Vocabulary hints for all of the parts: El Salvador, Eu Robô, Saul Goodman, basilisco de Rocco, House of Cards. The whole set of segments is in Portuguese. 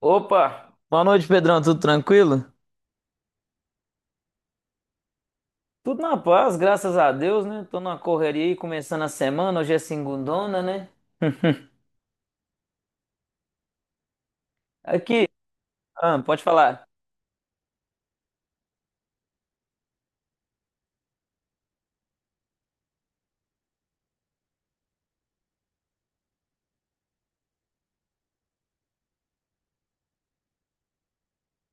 Opa, boa noite, Pedrão. Tudo tranquilo? Tudo na paz, graças a Deus, né? Tô numa correria aí, começando a semana. Hoje é segundona, né? Aqui, ah, pode falar.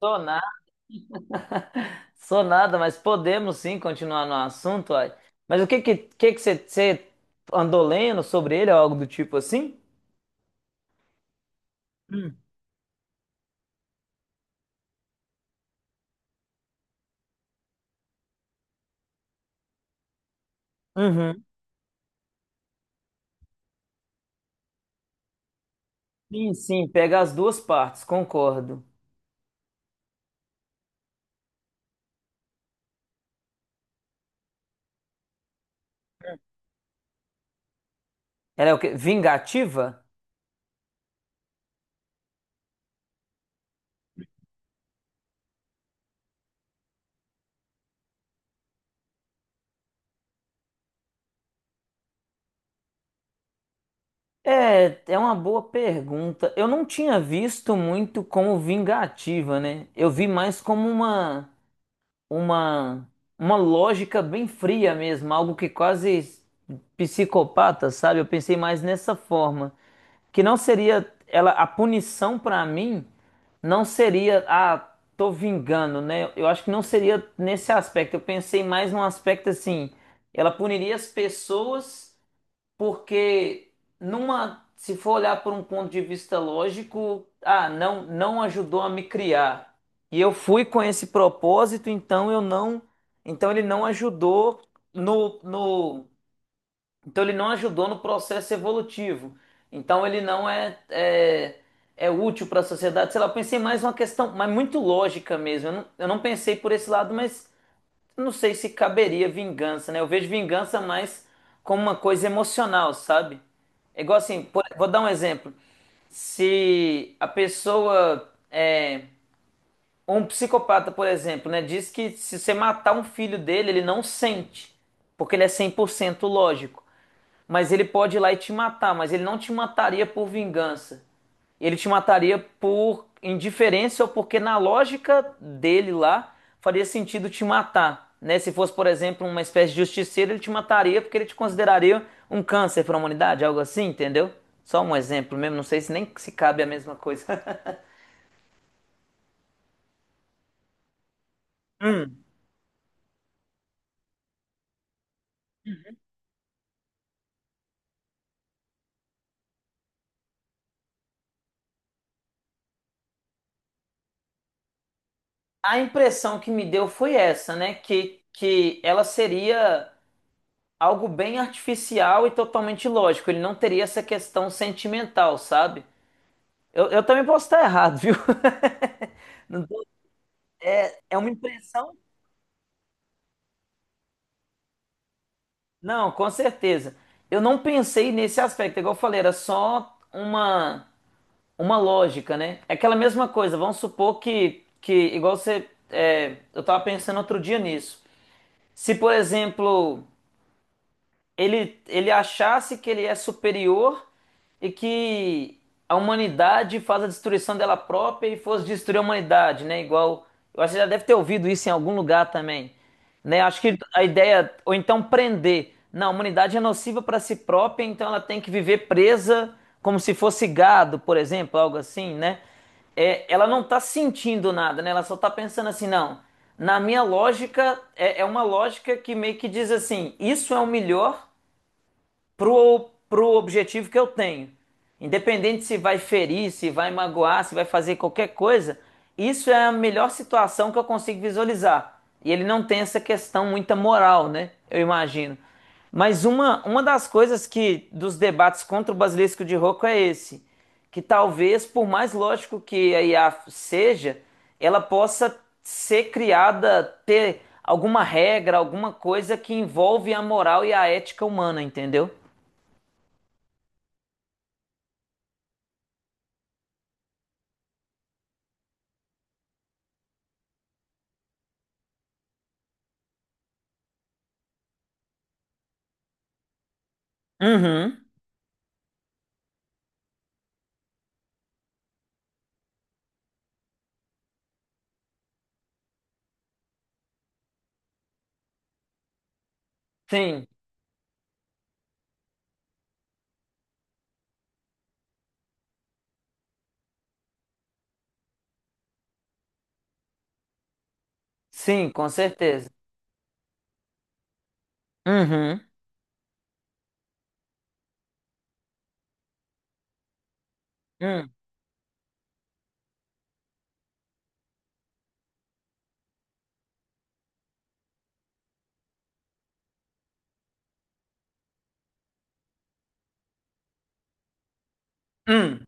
Sou nada, sou nada, mas podemos sim continuar no assunto, uai. Mas o que você andou lendo sobre ele ou algo do tipo assim? Hum. Uhum. Sim, sim, pega as duas partes, concordo. Ela é o quê? Vingativa? É, é uma boa pergunta. Eu não tinha visto muito como vingativa, né? Eu vi mais como uma uma lógica bem fria mesmo, algo que quase psicopata, sabe? Eu pensei mais nessa forma, que não seria ela a punição pra mim não seria ah, tô vingando, né? Eu acho que não seria nesse aspecto. Eu pensei mais num aspecto assim, ela puniria as pessoas porque numa, se for olhar por um ponto de vista lógico, ah, não ajudou a me criar. E eu fui com esse propósito, então eu não, então ele não ajudou no, então ele não ajudou no processo evolutivo. Então ele não é, é, é útil para a sociedade. Sei lá, eu pensei mais uma questão, mas muito lógica mesmo. Eu não pensei por esse lado, mas não sei se caberia vingança, né? Eu vejo vingança mais como uma coisa emocional, sabe? É igual assim, vou dar um exemplo. Se a pessoa, é, um psicopata, por exemplo, né, diz que se você matar um filho dele, ele não sente, porque ele é 100% lógico. Mas ele pode ir lá e te matar, mas ele não te mataria por vingança. Ele te mataria por indiferença ou porque na lógica dele lá faria sentido te matar, né? Se fosse, por exemplo, uma espécie de justiceiro, ele te mataria porque ele te consideraria um câncer para a humanidade, algo assim, entendeu? Só um exemplo mesmo, não sei se nem se cabe a mesma coisa. Hum. A impressão que me deu foi essa, né? Que ela seria algo bem artificial e totalmente lógico. Ele não teria essa questão sentimental, sabe? Eu também posso estar errado, viu? Não tô- É uma impressão? Não, com certeza. Eu não pensei nesse aspecto, igual eu falei, era só uma lógica, né? É aquela mesma coisa, vamos supor que igual você. É, eu tava pensando outro dia nisso. Se, por exemplo. Ele achasse que ele é superior e que a humanidade faz a destruição dela própria e fosse destruir a humanidade, né? Igual, eu acho que já deve ter ouvido isso em algum lugar também, né? Acho que a ideia, ou então prender. Não, a humanidade é nociva para si própria, então ela tem que viver presa como se fosse gado, por exemplo, algo assim, né? É, ela não está sentindo nada, né? Ela só está pensando assim, não. Na minha lógica, é, é uma lógica que meio que diz assim: isso é o melhor pro objetivo que eu tenho. Independente se vai ferir, se vai magoar, se vai fazer qualquer coisa, isso é a melhor situação que eu consigo visualizar. E ele não tem essa questão muita moral, né? Eu imagino. Mas uma das coisas que dos debates contra o basilisco de Rocco é esse, que talvez, por mais lógico que a IA seja, ela possa ser criada, ter alguma regra, alguma coisa que envolve a moral e a ética humana, entendeu? Uhum. Sim, sim, com certeza. Uhum. Hum, hum,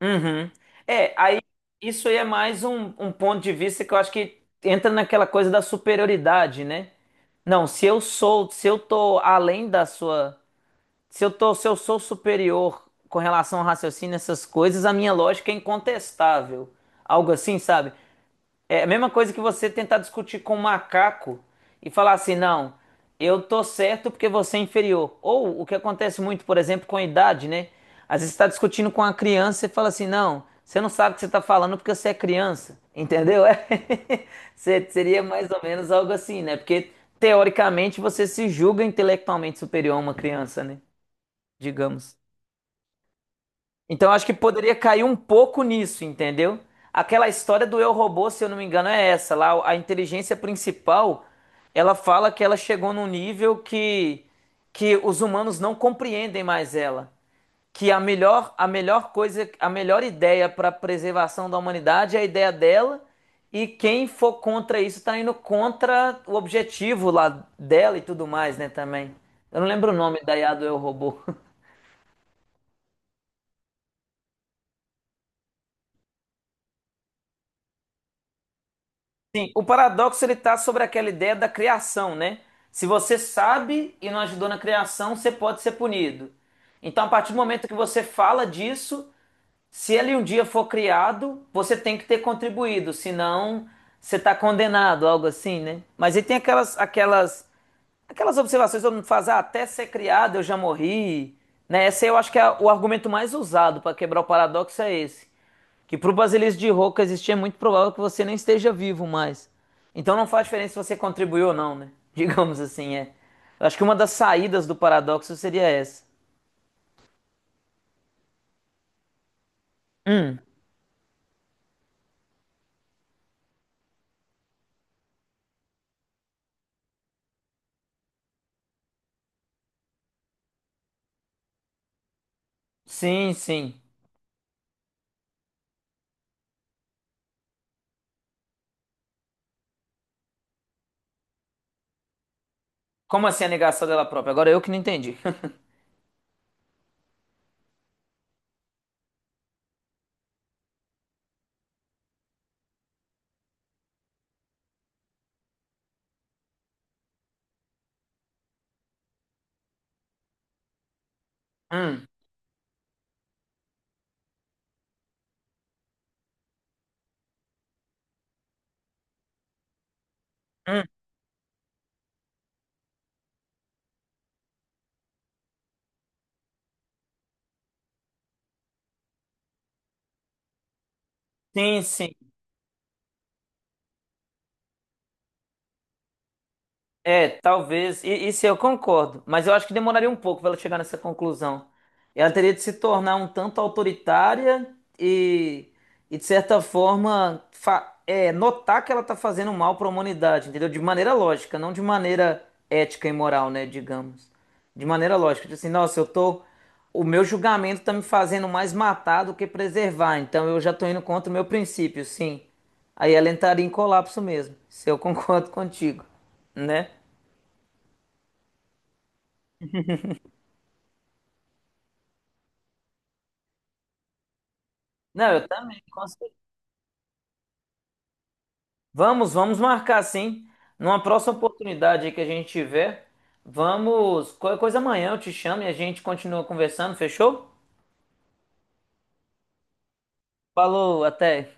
uhum. É, aí isso aí é mais um ponto de vista que eu acho que entra naquela coisa da superioridade, né? Não, se eu sou, se eu tô além da sua, se eu tô, se eu sou superior com relação ao raciocínio, essas coisas, a minha lógica é incontestável. Algo assim, sabe? É a mesma coisa que você tentar discutir com um macaco e falar assim, não, eu tô certo porque você é inferior. Ou o que acontece muito, por exemplo, com a idade, né? Às vezes você está discutindo com uma criança e fala assim, não, você não sabe o que você está falando porque você é criança, entendeu? É. Seria mais ou menos algo assim, né? Porque teoricamente você se julga intelectualmente superior a uma criança, né? Digamos. Então, eu acho que poderia cair um pouco nisso, entendeu? Aquela história do Eu Robô, se eu não me engano, é essa. Lá, a inteligência principal, ela fala que ela chegou num nível que os humanos não compreendem mais ela. Que a melhor coisa, a melhor ideia para a preservação da humanidade é a ideia dela, e quem for contra isso está indo contra o objetivo lá dela e tudo mais, né, também. Eu não lembro o nome da IA do Eu Robô. Sim, o paradoxo ele está sobre aquela ideia da criação, né? Se você sabe e não ajudou na criação, você pode ser punido. Então, a partir do momento que você fala disso, se ele um dia for criado, você tem que ter contribuído, senão você está condenado, algo assim, né? Mas aí tem aquelas observações que todo mundo faz, ah, até ser criado eu já morri, né? Esse eu acho que é o argumento mais usado para quebrar o paradoxo é esse, que para o basilisco de Roca existir é muito provável que você nem esteja vivo mais. Então não faz diferença se você contribuiu ou não, né? Digamos assim, é. Eu acho que uma das saídas do paradoxo seria essa. Sim, sim. Como assim a negação dela própria? Agora eu que não entendi. Hum, hum. Sim, sim. É, talvez. E isso eu concordo, mas eu acho que demoraria um pouco para ela chegar nessa conclusão. Ela teria de se tornar um tanto autoritária e de certa forma, é, notar que ela está fazendo mal para a humanidade, entendeu? De maneira lógica, não de maneira ética e moral, né? Digamos. De maneira lógica. Tipo assim, nossa, eu tô. O meu julgamento está me fazendo mais matar do que preservar, então eu já estou indo contra o meu princípio, sim. Aí ela entraria em colapso mesmo, se eu concordo contigo, né? Não, eu também, com certeza. Vamos, vamos marcar sim. Numa próxima oportunidade aí que a gente tiver, vamos. Qualquer coisa amanhã eu te chamo e a gente continua conversando, fechou? Falou, até.